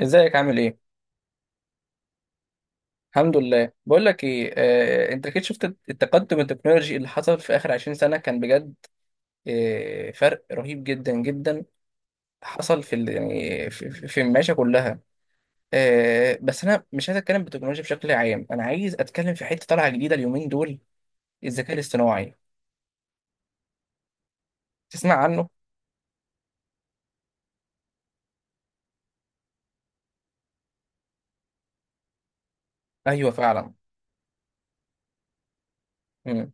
ازيك عامل ايه؟ الحمد لله. بقول لك ايه، انت اكيد شفت التقدم التكنولوجي اللي حصل في اخر 20 سنه، كان بجد. فرق رهيب جدا جدا حصل في يعني في المعيشه كلها. بس انا مش عايز اتكلم بالتكنولوجيا بشكل عام، انا عايز اتكلم في حته طالعه جديده اليومين دول: الذكاء الاصطناعي. تسمع عنه؟ ايوه فعلا. مم.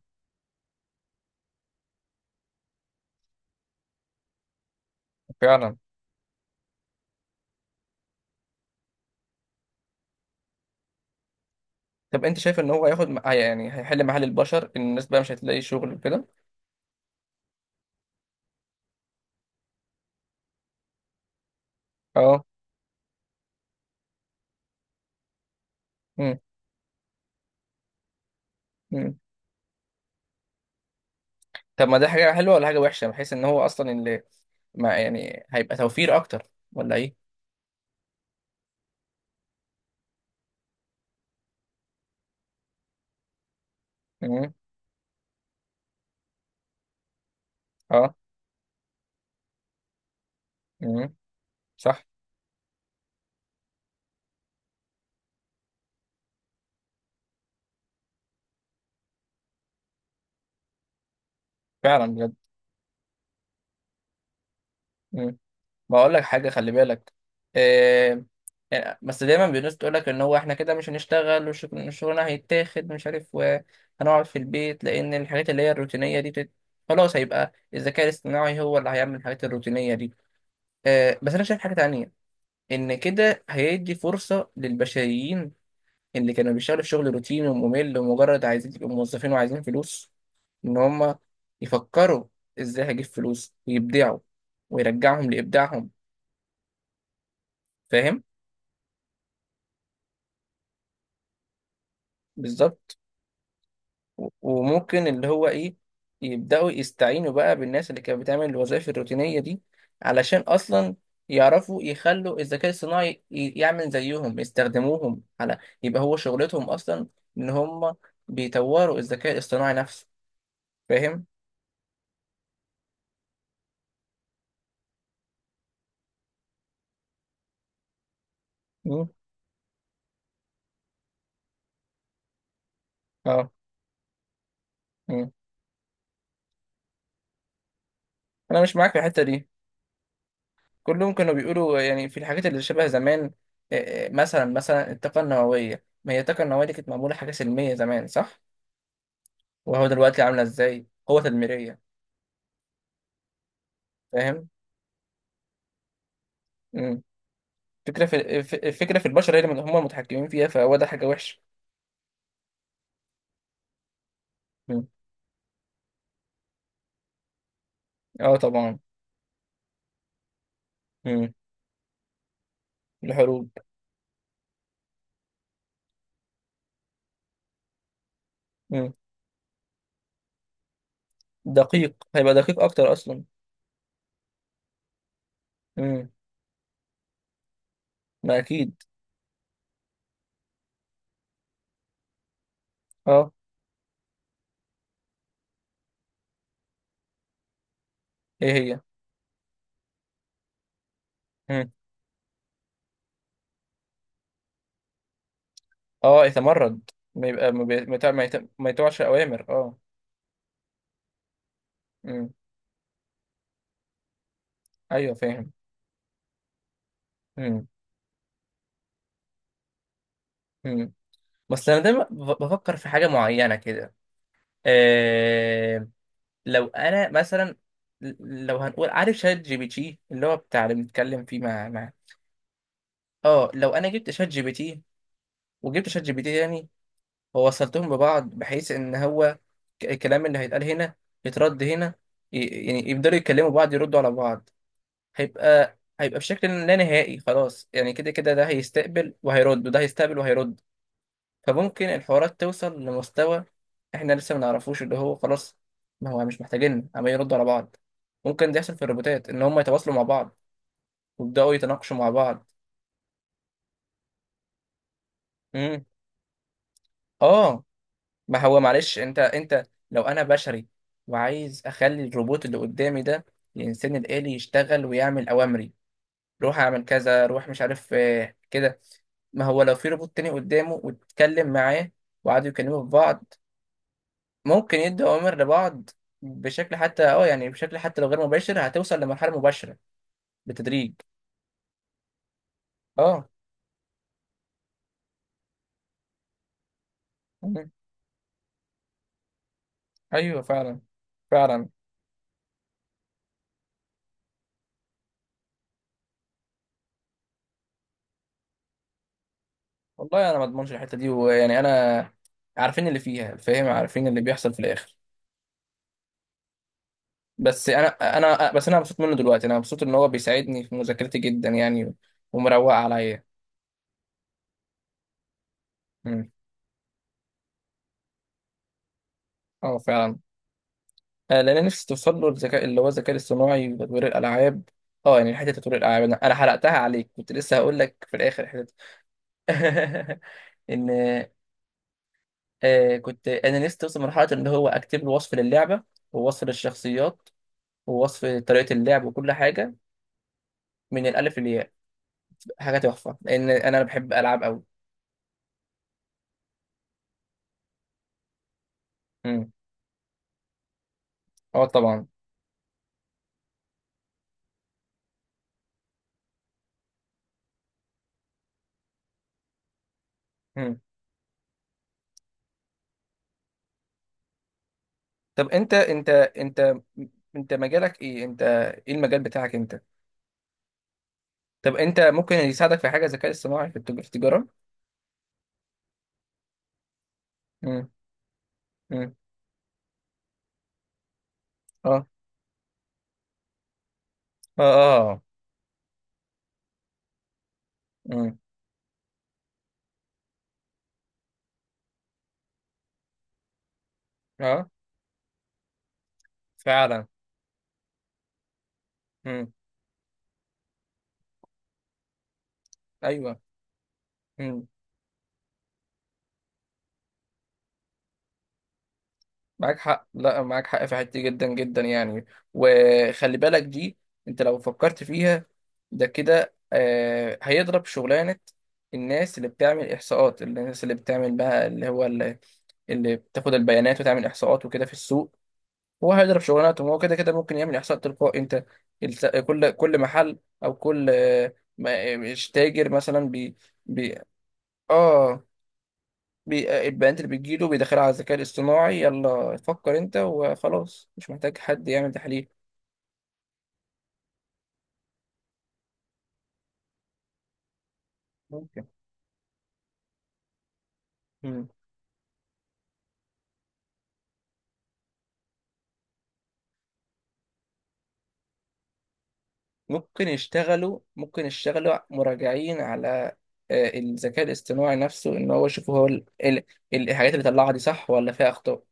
فعلا. طب انت شايف ان هو هياخد يعني هيحل محل البشر، الناس بقى مش هتلاقي شغل وكده؟ اه. مم. مم. طب ما ده حاجة حلوة ولا حاجة وحشة، بحيث ان هو اصلا اللي ما يعني هيبقى توفير اكتر، ولا ايه؟ امم. اه. امم. صح. فعلا بجد. امم. بقول لك حاجة، خلي بالك. إيه؟ يعني بس دايما الناس تقول لك ان هو احنا كده مش هنشتغل، والشغلانه هيتاخد، مش عارف، وهنقعد في البيت لان الحاجات اللي هي الروتينية دي. خلاص، هيبقى الذكاء الاصطناعي هو اللي هيعمل الحاجات الروتينية دي. بس انا شايف حاجة تانية: ان كده هيدي فرصة للبشريين اللي كانوا بيشتغلوا في شغل روتيني وممل ومجرد عايزين يبقوا موظفين وعايزين فلوس، إن هم يفكروا إزاي هجيب فلوس، ويبدعوا، ويرجعهم لإبداعهم. فاهم؟ بالظبط. وممكن اللي هو إيه، يبدأوا يستعينوا بقى بالناس اللي كانت بتعمل الوظائف الروتينية دي، علشان أصلا يعرفوا يخلوا الذكاء الصناعي يعمل زيهم، يستخدموهم على، يبقى هو شغلتهم أصلا إن هم بيطوروا الذكاء الاصطناعي نفسه. فاهم؟ مم. اه. مم. انا مش معاك في الحته دي. كلهم كانوا بيقولوا يعني في الحاجات اللي شبه زمان. مثلا مثلا الطاقه النوويه، ما هي الطاقه النوويه دي كانت معموله حاجه سلميه زمان، صح؟ وهو دلوقتي عامله ازاي قوه تدميريه. فاهم؟ مم. الفكره في البشر، هي اللي هم المتحكمين فيها، فهو ده حاجه وحشه. مم. اه طبعا. مم. الحروب. مم. هيبقى دقيق اكتر اصلا. مم. ما اكيد. اه. ايه هي؟ مم. اه، يتمرد، ما يبقى ما بي- ما يتع- ما يتع- ما يتوعش اوامر. اه. مم. ايوه فاهم. مم. مم. بس انا دايما بفكر في حاجه معينه كده. إيه؟ لو انا مثلا، لو هنقول، عارف شات جي بي تي اللي هو بتاع اللي بنتكلم فيه مع. لو انا جبت شات جي بي تي، وجبت شات جي بي تي تاني، ووصلتهم ببعض بحيث ان هو، الكلام اللي هيتقال هنا يترد هنا، ي- يعني يقدروا يتكلموا بعض، يردوا على بعض. هيبقى بشكل لا نهائي خلاص، يعني كده كده ده هيستقبل وهيرد وده هيستقبل وهيرد. فممكن الحوارات توصل لمستوى احنا لسه ما نعرفوش، اللي هو خلاص ما هو مش محتاجين عمال يردوا على بعض. ممكن ده يحصل في الروبوتات، ان هم يتواصلوا مع بعض ويبداوا يتناقشوا مع بعض. امم. اه. ما هو معلش، انت لو انا بشري وعايز اخلي الروبوت اللي قدامي ده، الانسان الالي، يشتغل ويعمل اوامري: روح اعمل كذا، روح مش عارف كده. ما هو لو في روبوت تاني قدامه واتكلم معاه، وقعدوا يكلموا في بعض، ممكن يدوا اوامر لبعض بشكل حتى اه يعني بشكل حتى لو غير مباشر، هتوصل لمرحله مباشره بالتدريج. اه. مم. ايوه فعلا. فعلا. والله انا ما اضمنش الحته دي، ويعني انا عارفين اللي فيها، فاهم؟ عارفين اللي بيحصل في الاخر. بس انا انا بس انا مبسوط منه دلوقتي، انا مبسوط ان هو بيساعدني في مذاكرتي جدا يعني، ومروق عليا. مم. اه فعلا. لان أنا نفسي توصل له الذكاء، اللي هو الذكاء الاصطناعي وتطوير الالعاب. اه، يعني حته تطوير الالعاب، انا حرقتها عليك، كنت لسه هقول لك في الاخر حته. ان كنت انا لسه وصل مرحله ان هو اكتب له وصف للعبه، ووصف للشخصيات، ووصف طريقه اللعب، وكل حاجه من الالف للياء. حاجه تحفه لان انا بحب العاب قوي. امم. اه طبعا. امم. طب انت مجالك ايه انت؟ ايه المجال بتاعك انت؟ طب انت ممكن يساعدك في حاجه الذكاء الاصطناعي في في التجاره؟ امم. امم. اه. اه. اه. امم. اه فعلا. امم. ايوه. إمم. معاك حق. لا، معاك حق في حتة دي جدا جدا يعني. وخلي بالك دي، انت لو فكرت فيها، ده كده هيضرب شغلانة الناس اللي بتعمل إحصاءات، الناس اللي بتعمل بقى، اللي بتاخد البيانات وتعمل إحصاءات وكده في السوق. هو هيضرب شغلانته، هو كده كده ممكن يعمل إحصاء تلقائي. انت كل محل، أو كل مش تاجر مثلا، بي اه البيانات اللي بتجيله بيدخلها على الذكاء الاصطناعي، يلا فكر انت وخلاص، مش محتاج حد يعمل تحليل. ممكن. مم. ممكن يشتغلوا مراجعين على الذكاء الاصطناعي نفسه، ان هو يشوف هو الحاجات اللي طلعها دي صح ولا فيها اخطاء.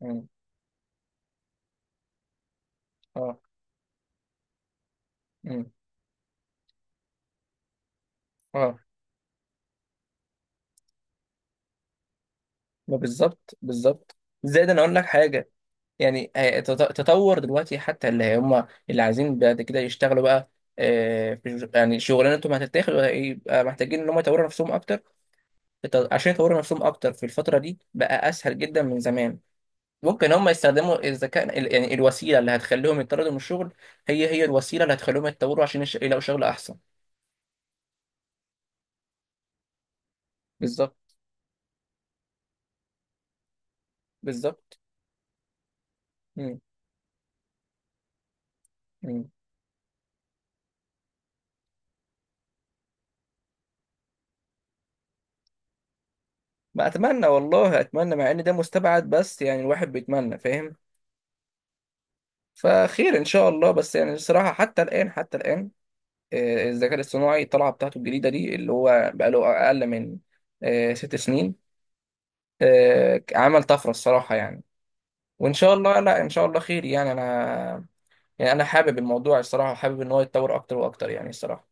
مم. اه. مم. اه ما بالظبط بالظبط. زائد انا اقول لك حاجه: يعني تطور دلوقتي حتى اللي هم اللي عايزين بعد كده يشتغلوا بقى، يعني شغلانتهم هتتاخد، يبقى محتاجين ان هم يطوروا نفسهم اكتر. عشان يطوروا نفسهم اكتر في الفترة دي بقى اسهل جدا من زمان. ممكن هم يستخدموا الذكاء يعني الوسيلة اللي هتخليهم يطردوا من الشغل، هي الوسيلة اللي هتخليهم يتطوروا عشان يلاقوا شغل احسن. بالظبط. بالظبط. مم. مم. ما اتمنى، والله اتمنى، مع ان ده مستبعد، بس يعني الواحد بيتمنى. فاهم؟ فخير ان شاء الله. بس يعني الصراحة، حتى الآن حتى الآن، الذكاء الاصطناعي الطلعه بتاعته الجديده دي اللي هو بقاله اقل من 6 سنين، عمل طفره الصراحه يعني. وان شاء الله، لا، ان شاء الله خير. يعني انا، يعني انا حابب الموضوع الصراحه، حابب ان هو يتطور اكتر واكتر يعني الصراحه.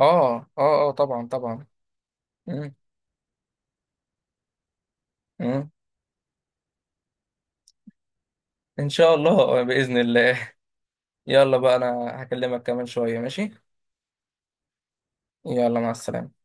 اه اه اه طبعا طبعا. مم. مم. ان شاء الله باذن الله. يلا بقى، انا هكلمك كمان شويه، ماشي؟ يلا، مع السلامه.